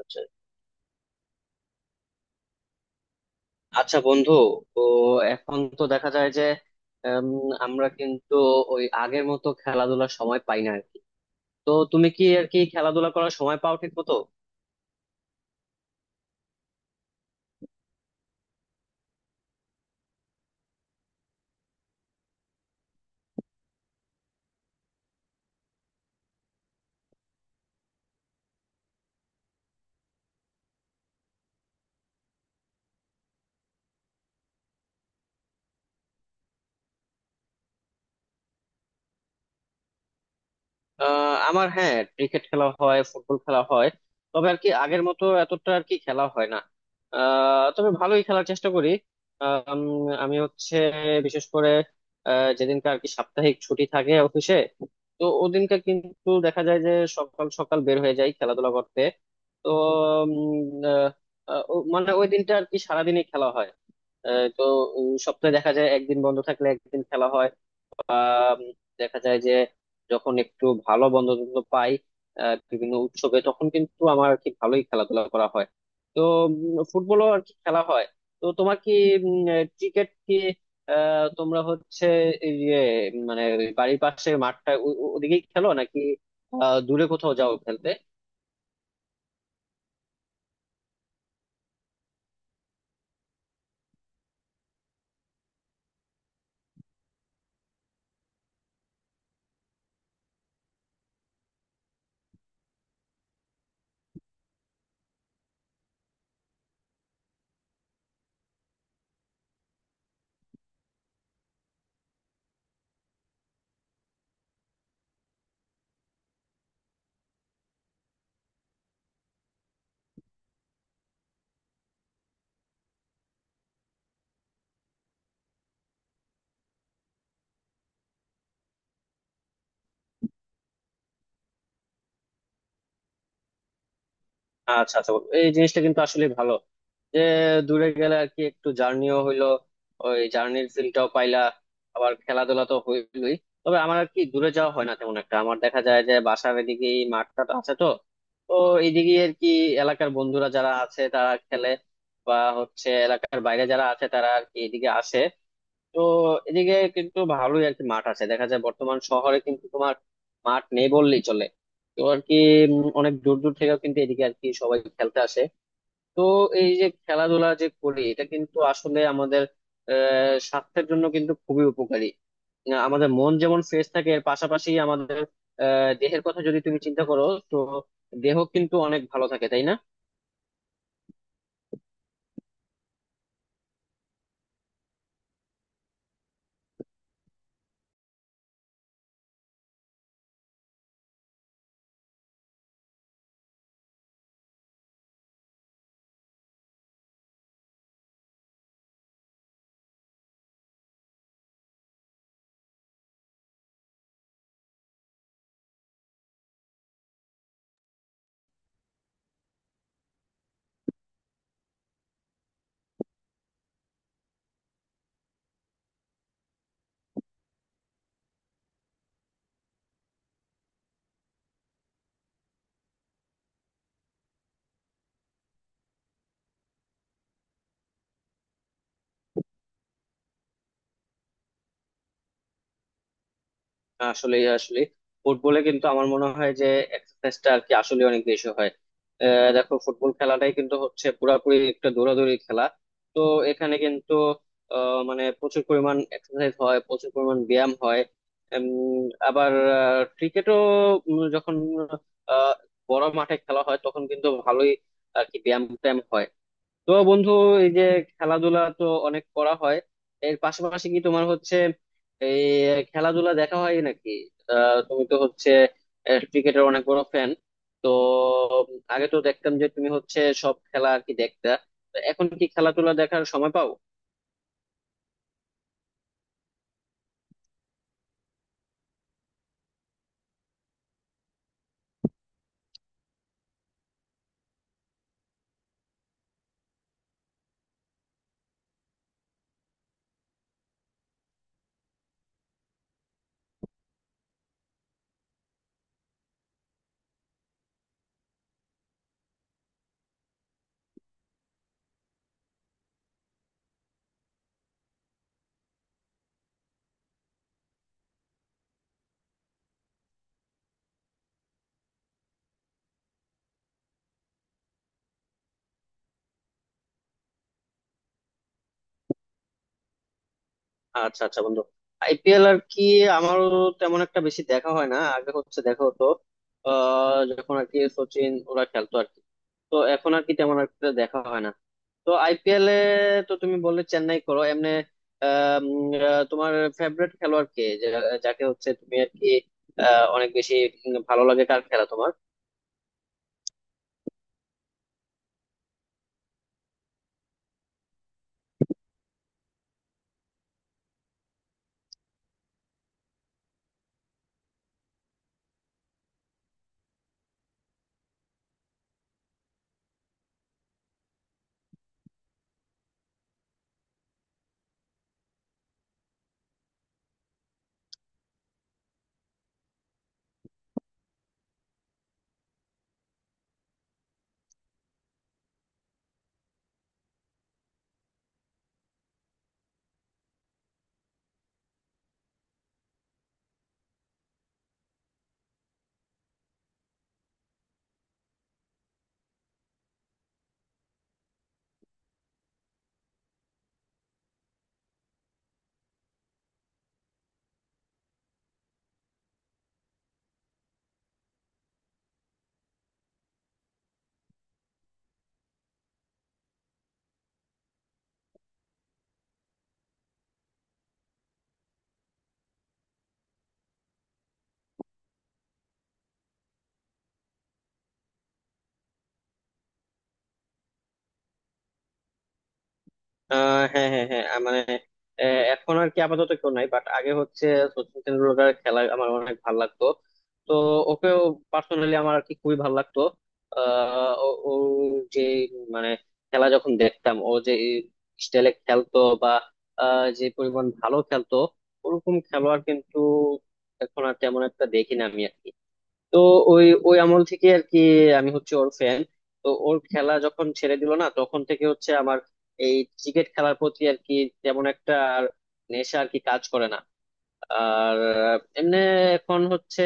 আচ্ছা, আচ্ছা, বন্ধু। তো এখন তো দেখা যায় যে উম, আমরা কিন্তু ওই আগের মতো খেলাধুলার সময় পাই না আর কি। তো তুমি কি আর কি খেলাধুলা করার সময় পাও ঠিক মতো? আমার, হ্যাঁ, ক্রিকেট খেলা হয়, ফুটবল খেলা হয়। তবে আর কি আগের মতো এতটা আর কি খেলা হয় না। তবে ভালোই খেলার চেষ্টা করি। আমি হচ্ছে বিশেষ করে যেদিনকার আর কি সাপ্তাহিক ছুটি থাকে অফিসে, তো ওদিনকার কিন্তু দেখা যায় যে সকাল সকাল বের হয়ে যাই খেলাধুলা করতে। তো উম, আহ, আহ, ও- মানে ওই দিনটা আর কি সারাদিনই খেলা হয়। তো সপ্তাহে দেখা যায় একদিন বন্ধ থাকলে একদিন খেলা হয়। বা দেখা যায় যে যখন একটু ভালো বন্ধু টন্ধু পাই, বিভিন্ন উৎসবে, তখন কিন্তু আমার আর কি ভালোই খেলাধুলা করা হয়। তো ফুটবলও আর কি খেলা হয়। তো তোমার কি ক্রিকেট কি, তোমরা হচ্ছে এই যে মানে বাড়ির পাশে মাঠটা ওদিকেই খেলো নাকি, দূরে কোথাও যাও খেলতে? আচ্ছা, আচ্ছা, এই জিনিসটা কিন্তু আসলে ভালো, যে দূরে গেলে আর কি একটু জার্নিও হইলো, ওই জার্নির ফিলটাও পাইলা, আবার খেলাধুলা তো হইলোই। তবে আমার আর কি দূরে যাওয়া হয় না তেমন একটা। আমার দেখা যায় যে বাসার এদিকে মাঠটা আছে তো। তো এইদিকে আর কি এলাকার বন্ধুরা যারা আছে তারা খেলে, বা হচ্ছে এলাকার বাইরে যারা আছে তারা আর কি এদিকে আসে। তো এদিকে কিন্তু ভালোই আর কি মাঠ আছে দেখা যায়। বর্তমান শহরে কিন্তু তোমার মাঠ নেই বললেই চলে। তো আর কি অনেক দূর দূর থেকেও কিন্তু এদিকে আর কি সবাই খেলতে আসে। তো এই যে খেলাধুলা যে করি, এটা কিন্তু আসলে আমাদের স্বাস্থ্যের জন্য কিন্তু খুবই উপকারী। আমাদের মন যেমন ফ্রেশ থাকে, এর পাশাপাশি আমাদের আহ দেহের কথা যদি তুমি চিন্তা করো, তো দেহ কিন্তু অনেক ভালো থাকে, তাই না? আসলে আসলে ফুটবলে কিন্তু আমার মনে হয় যে এক্সারসাইজটা আর কি আসলে অনেক বেশি হয়। দেখো, ফুটবল খেলাটাই কিন্তু হচ্ছে পুরাপুরি একটা দৌড়াদৌড়ি খেলা। তো এখানে কিন্তু মানে প্রচুর পরিমাণ এক্সারসাইজ হয়, প্রচুর পরিমাণ ব্যায়াম হয়। উম, আবার ক্রিকেটও যখন আহ, বড় মাঠে খেলা হয় তখন কিন্তু ভালোই আর কি ব্যায়াম ট্যায়াম হয়। তো বন্ধু, এই যে খেলাধুলা তো অনেক করা হয়, এর পাশাপাশি কি তোমার হচ্ছে এই খেলাধুলা দেখা হয় নাকি? তুমি তো হচ্ছে ক্রিকেটের অনেক বড় ফ্যান। তো আগে তো দেখতাম যে তুমি হচ্ছে সব খেলা আর কি দেখতা। তো এখন কি খেলাধুলা দেখার সময় পাও? আচ্ছা, আচ্ছা, বন্ধু। আইপিএল আর কি আমারও তেমন একটা বেশি দেখা হয় না, আগে হচ্ছে দেখা হতো। যখন আর কি সচিন ওরা খেলতো আর কি, তো এখন আর কি তেমন একটা দেখা হয় না। তো আইপিএল এ তো তুমি বললে চেন্নাই করো এমনি। তোমার ফেভারিট খেলোয়াড় কে, যাকে হচ্ছে তুমি আর কি অনেক বেশি ভালো লাগে? কার খেলা তোমার? হ্যাঁ, হ্যাঁ, হ্যাঁ, মানে এখন আর কি আপাতত কেউ নাই, বাট আগে হচ্ছে সচিন তেন্ডুলকারের খেলা আমার অনেক ভালো লাগতো। তো ওকেও পার্সোনালি আমার আর কি খুবই ভালো লাগতো। ও ও যে মানে, খেলা যখন দেখতাম, ও যে স্টাইলে খেলতো, বা যে পরিমাণ ভালো খেলতো, ওরকম খেলোয়াড় কিন্তু এখন আর তেমন একটা দেখি না আমি আর কি। তো ওই ওই আমল থেকে আর কি আমি হচ্ছে ওর ফ্যান। তো ওর খেলা যখন ছেড়ে দিল না, তখন থেকে হচ্ছে আমার এই ক্রিকেট খেলার প্রতি আর কি তেমন একটা আর নেশা আর কি কাজ করে না। আর এমনি এখন হচ্ছে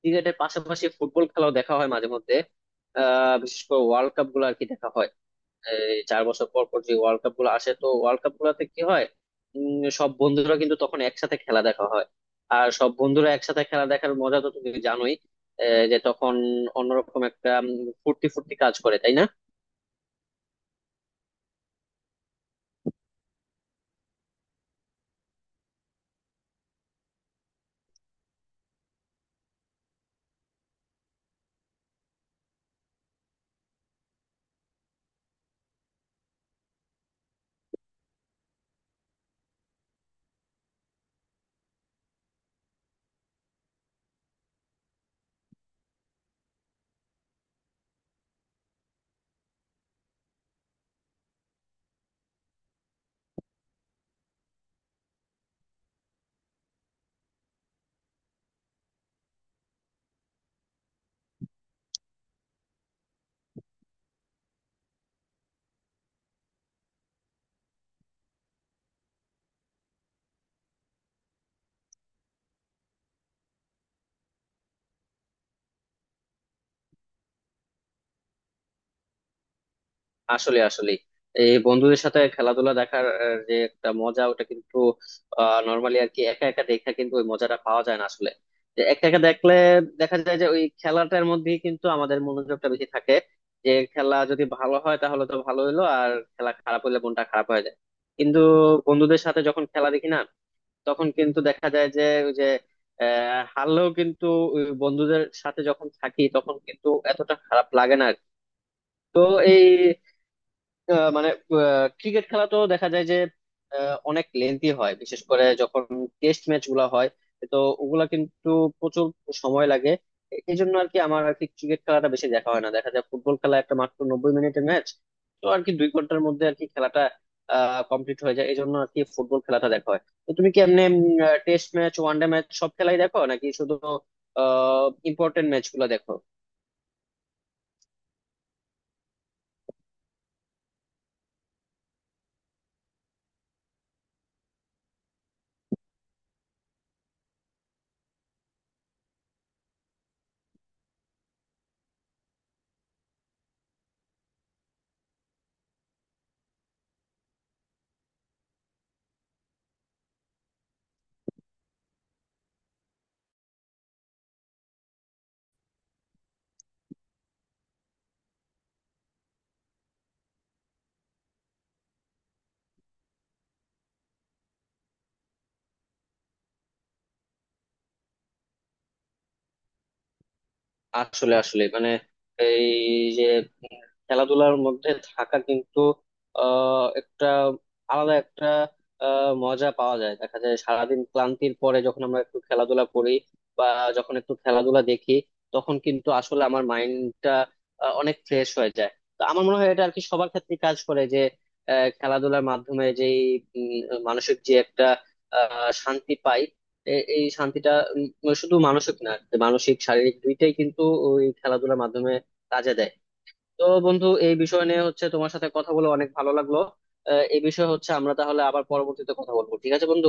ক্রিকেটের পাশাপাশি ফুটবল খেলাও দেখা হয় মাঝে মধ্যে। বিশেষ করে ওয়ার্ল্ড কাপ গুলো আর কি দেখা হয়। এই 4 বছর পর পর যে ওয়ার্ল্ড কাপ গুলো আসে, তো ওয়ার্ল্ড কাপ গুলাতে কি হয়, সব বন্ধুরা কিন্তু তখন একসাথে খেলা দেখা হয়। আর সব বন্ধুরা একসাথে খেলা দেখার মজা তো তুমি জানোই। যে তখন অন্যরকম একটা ফুর্তি ফুর্তি কাজ করে, তাই না? আসলে আসলে এই বন্ধুদের সাথে খেলাধুলা দেখার যে একটা মজা ওটা কিন্তু নর্মালি আর কি একা একা দেখা, কিন্তু ওই মজাটা পাওয়া যায় না আসলে। যে একা একা দেখলে দেখা যায় যে ওই খেলাটার মধ্যেই কিন্তু আমাদের মনোযোগটা বেশি থাকে। যে খেলা যদি ভালো হয় তাহলে তো ভালো হইলো, আর খেলা খারাপ হইলে মনটা খারাপ হয়ে যায়। কিন্তু বন্ধুদের সাথে যখন খেলা দেখি না, তখন কিন্তু দেখা যায় যে ওই যে হারলেও কিন্তু ওই বন্ধুদের সাথে যখন থাকি তখন কিন্তু এতটা খারাপ লাগে না আর কি। তো এই মানে ক্রিকেট খেলা তো দেখা যায় যে অনেক লেন্থি হয়, বিশেষ করে যখন টেস্ট ম্যাচ গুলা হয়। তো ওগুলা কিন্তু প্রচুর সময় লাগে। এই জন্য আর কি আমার আর কি ক্রিকেট খেলাটা বেশি দেখা হয় না, দেখা যায় ফুটবল খেলা একটা মাত্র 90 মিনিটের ম্যাচ। তো আর কি 2 ঘন্টার মধ্যে আর কি খেলাটা কমপ্লিট হয়ে যায়, এই জন্য আর কি ফুটবল খেলাটা দেখা হয়। তো তুমি কি এমনি টেস্ট ম্যাচ, ওয়ানডে ম্যাচ সব খেলাই দেখো নাকি শুধু ইম্পর্টেন্ট ম্যাচ গুলা দেখো? আসলে আসলে মানে এই যে উম খেলাধুলার মধ্যে থাকা কিন্তু একটা আলাদা একটা মজা পাওয়া যায়, দেখা যায় সারাদিন ক্লান্তির পরে যখন আমরা একটু খেলাধুলা করি, বা যখন একটু খেলাধুলা দেখি, তখন কিন্তু আসলে আমার মাইন্ডটা অনেক ফ্রেশ হয়ে যায়। তো আমার মনে হয় এটা আর কি সবার ক্ষেত্রে কাজ করে, যে খেলাধুলার মাধ্যমে যেই মানসিক যে একটা শান্তি পাই, এই শান্তিটা মানে শুধু মানসিক না, মানসিক শারীরিক দুইটাই কিন্তু ওই খেলাধুলার মাধ্যমে কাজে দেয়। তো বন্ধু, এই বিষয় নিয়ে হচ্ছে তোমার সাথে কথা বলে অনেক ভালো লাগলো। এই বিষয়ে হচ্ছে আমরা তাহলে আবার পরবর্তীতে কথা বলবো, ঠিক আছে বন্ধু?